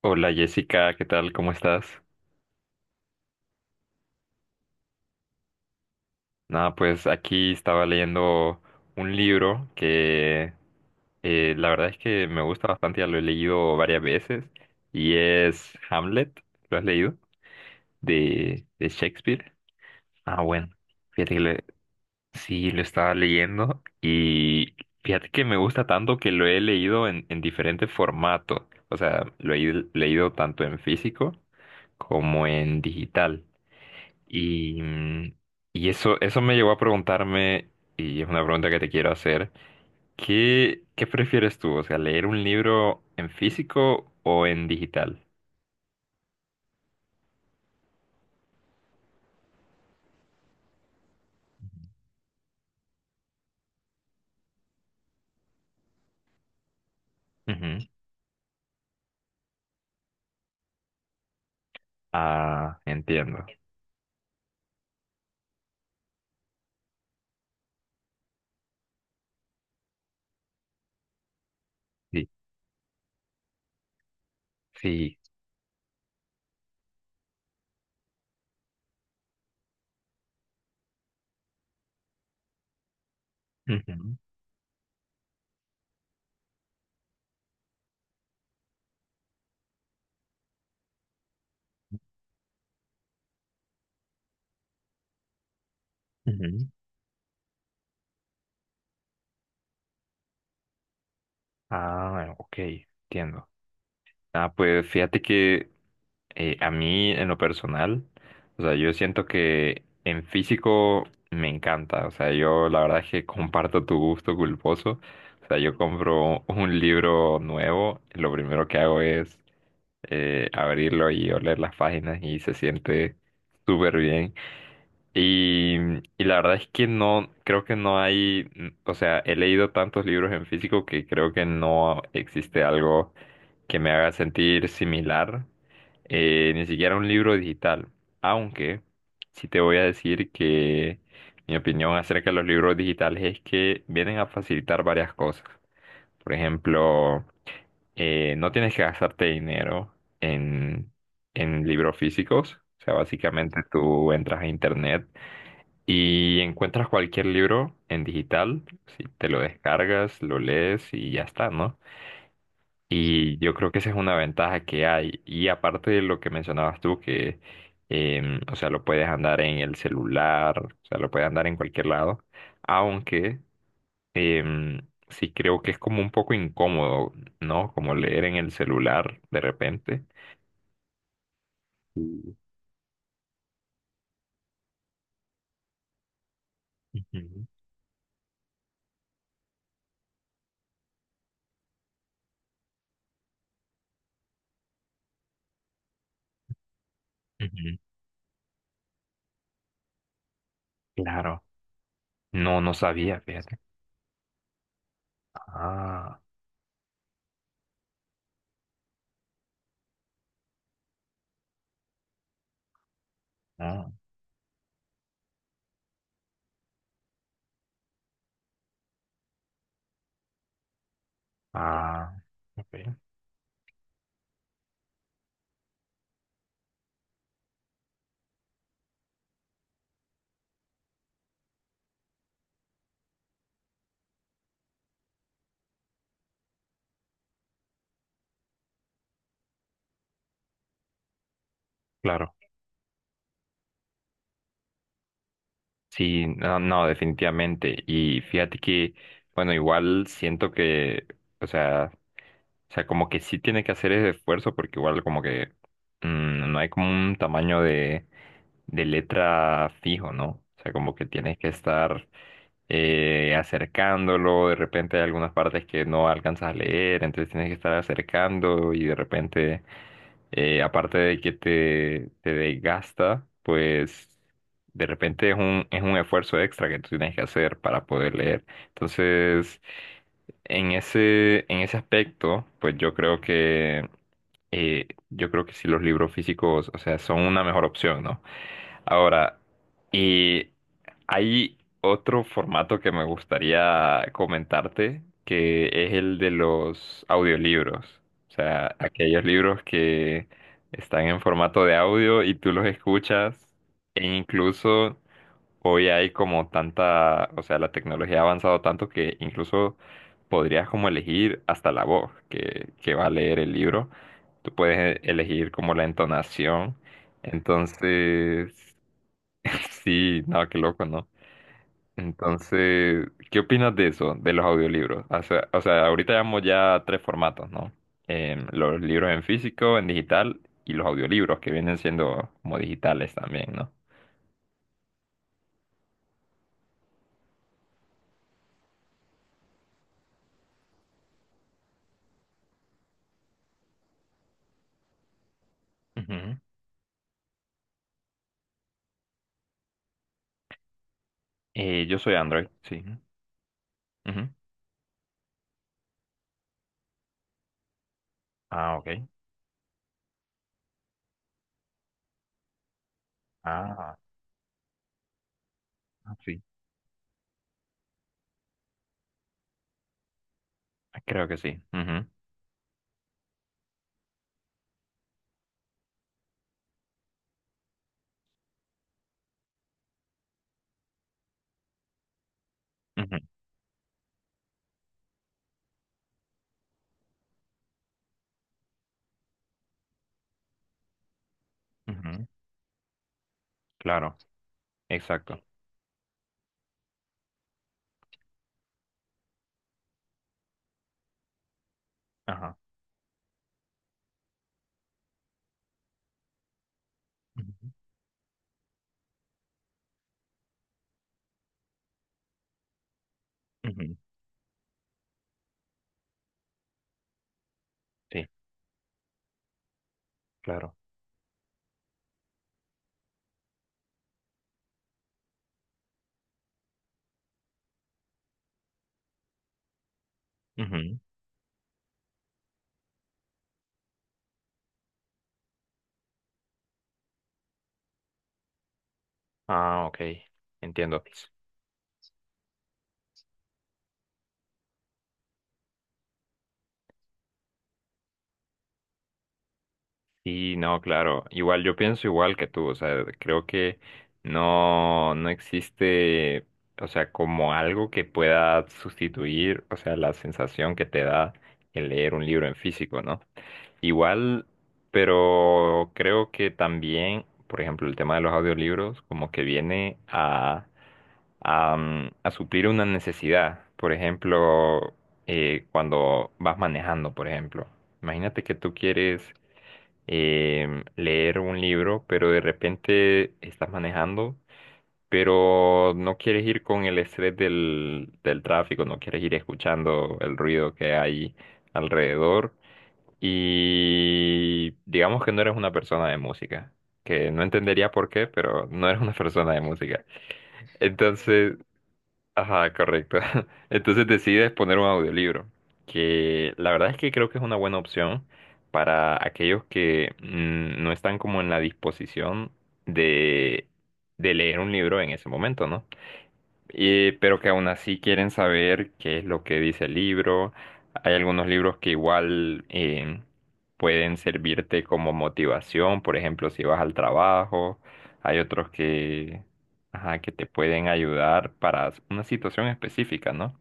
Hola Jessica, ¿qué tal? ¿Cómo estás? Nada, pues aquí estaba leyendo un libro que la verdad es que me gusta bastante, ya lo he leído varias veces, y es Hamlet, ¿lo has leído? De Shakespeare. Ah, bueno, fíjate que lo he- sí, lo estaba leyendo y fíjate que me gusta tanto que lo he leído en diferentes formatos, o sea, lo he leído tanto en físico como en digital. Y, y eso, eso me llevó a preguntarme, y es una pregunta que te quiero hacer, ¿qué, qué prefieres tú? O sea, ¿leer un libro en físico o en digital? Ujú. Ah, entiendo. Sí, sí. Ujú, ujú. Ah, ok, entiendo. Ah, pues fíjate que a mí, en lo personal, o sea, yo siento que en físico me encanta. O sea, yo la verdad es que comparto tu gusto culposo. O sea, yo compro un libro nuevo, lo primero que hago es abrirlo y oler las páginas y se siente súper bien. Y, y la verdad es que no, creo que no hay, o sea, he leído tantos libros en físico que creo que no existe algo que me haga sentir similar, ni siquiera un libro digital. Aunque sí te voy a decir que mi opinión acerca de los libros digitales es que vienen a facilitar varias cosas. Por ejemplo, no tienes que gastarte dinero en, en libros físicos. O sea, básicamente tú entras a internet y encuentras cualquier libro en digital. Si te lo descargas, lo lees y ya está, ¿no? Y yo creo que esa es una ventaja que hay. Y aparte de lo que mencionabas tú, que, o sea, lo puedes andar en el celular, o sea, lo puedes andar en cualquier lado. Aunque sí creo que es como un poco incómodo, ¿no? Como leer en el celular de repente. Sí. Ujú, ujú. Claro. No, no sabía, fíjate. Ah, ah, ah, ok, claro. Sí, no, no, definitivamente. Y fíjate que, bueno, igual siento que, o sea, o sea, como que sí tiene que hacer ese esfuerzo porque igual como que no hay como un tamaño de letra fijo, ¿no? O sea, como que tienes que estar acercándolo, de repente hay algunas partes que no alcanzas a leer, entonces tienes que estar acercando y de repente, aparte de que te desgasta, pues de repente es un esfuerzo extra que tú tienes que hacer para poder leer. Entonces, en ese aspecto, pues yo creo que sí los libros físicos, o sea, son una mejor opción, ¿no? Ahora, y hay otro formato que me gustaría comentarte, que es el de los audiolibros. O sea, aquellos libros que están en formato de audio y tú los escuchas e incluso hoy hay como tanta, o sea, la tecnología ha avanzado tanto que incluso podrías como elegir hasta la voz que va a leer el libro. Tú puedes elegir como la entonación. Entonces, sí, no, qué loco, ¿no? Entonces, ¿qué opinas de eso, de los audiolibros? O sea, ahorita llevamos ya tres formatos, ¿no? Los libros en físico, en digital y los audiolibros que vienen siendo como digitales también, ¿no? Ujú. Yo soy Android, sí. Ujú. Ah, ok. Ah, sí. Creo que sí. Ujú, ujú, ujú. Claro, exacto. Ajá. Ujú, ujú. Sí, claro. Ujú. Ah, ok. Entiendo. Sí, no, claro. Igual yo pienso igual que tú. O sea, creo que no, no existe, o sea, como algo que pueda sustituir, o sea, la sensación que te da el leer un libro en físico, ¿no? Igual, pero creo que también, por ejemplo, el tema de los audiolibros como que viene a, a suplir una necesidad. Por ejemplo, cuando vas manejando, por ejemplo. Imagínate que tú quieres leer un libro, pero de repente estás manejando, pero no quieres ir con el estrés del, del tráfico, no quieres ir escuchando el ruido que hay alrededor. Y digamos que no eres una persona de música, que no entendería por qué, pero no eres una persona de música. Entonces, ajá, correcto. Entonces decides poner un audiolibro, que la verdad es que creo que es una buena opción para aquellos que no están como en la disposición de, de leer un libro en ese momento, ¿no? Y- pero que aún así quieren saber qué es lo que dice el libro. Hay algunos libros que igual pueden servirte como motivación, por ejemplo, si vas al trabajo. Hay otros que, ajá, que te pueden ayudar para una situación específica, ¿no?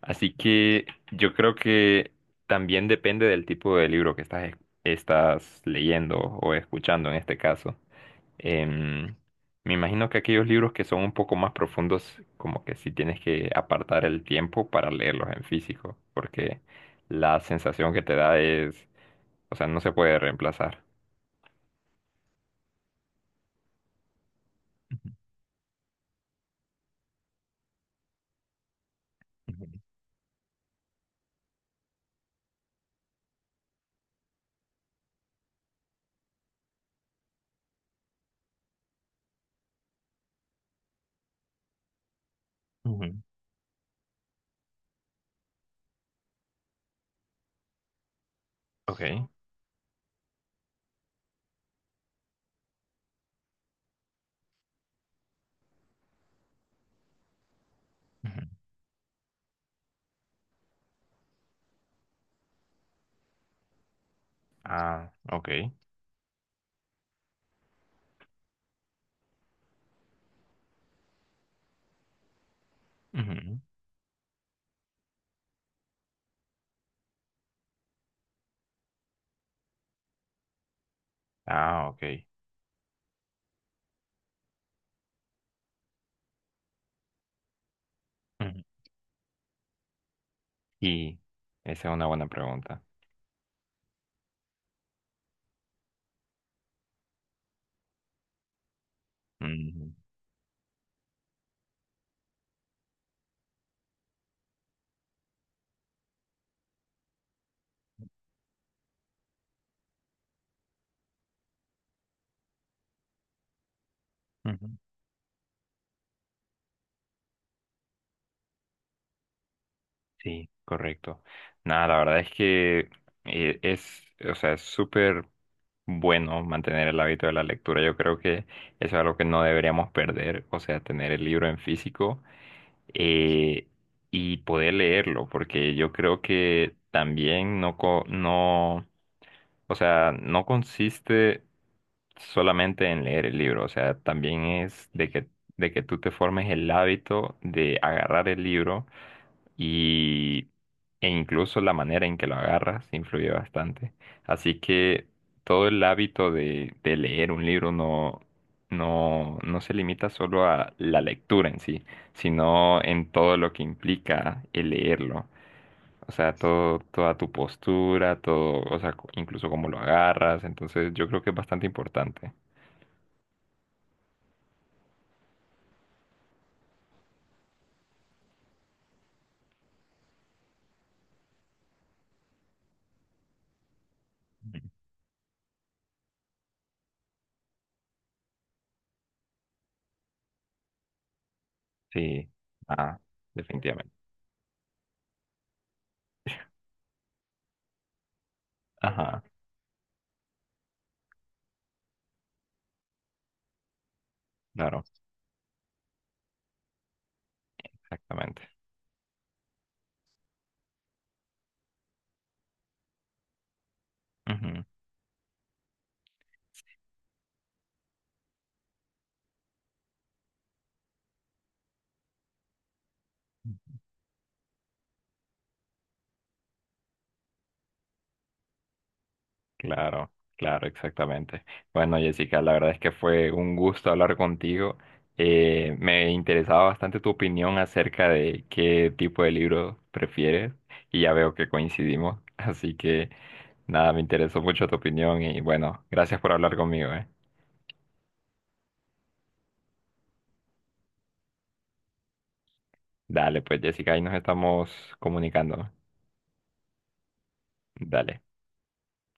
Así que yo creo que también depende del tipo de libro que estás, estás leyendo o escuchando en este caso. Em, Me imagino que aquellos libros que son un poco más profundos, como que sí tienes que apartar el tiempo para leerlos en físico, porque la sensación que te da es, o sea, no se puede reemplazar. Ujú, ujú, ok. Ujú. Ah, ok. Ujú. Ah, ok. Ujú, y esa es una buena pregunta. Ujú, ujú. Sí, correcto. Nada, la verdad es que es, o sea, es súper bueno mantener el hábito de la lectura. Yo creo que eso es algo que no deberíamos perder, o sea, tener el libro en físico eh, y poder leerlo, porque yo creo que también no, no, o sea, no consiste solamente en leer el libro, o sea, también es de que tú te formes el hábito de agarrar el libro y e incluso la manera en que lo agarras influye bastante. Así que todo el hábito de leer un libro no, no, no se limita solo a la lectura en sí, sino en todo lo que implica el leerlo. O sea, todo, toda tu postura, todo, o sea, incluso cómo lo agarras. Entonces, yo creo que es bastante importante. Sí, ah, definitivamente. Ajá, claro, exactamente. Ujú. Claro, claro, exactamente. Bueno, Jessica, la verdad es que fue un gusto hablar contigo. Me interesaba bastante tu opinión acerca de qué tipo de libro prefieres y ya veo que coincidimos. Así que nada, me interesó mucho tu opinión y bueno, gracias por hablar conmigo, ¿eh? Dale, pues Jessica, ahí nos estamos comunicando. Dale.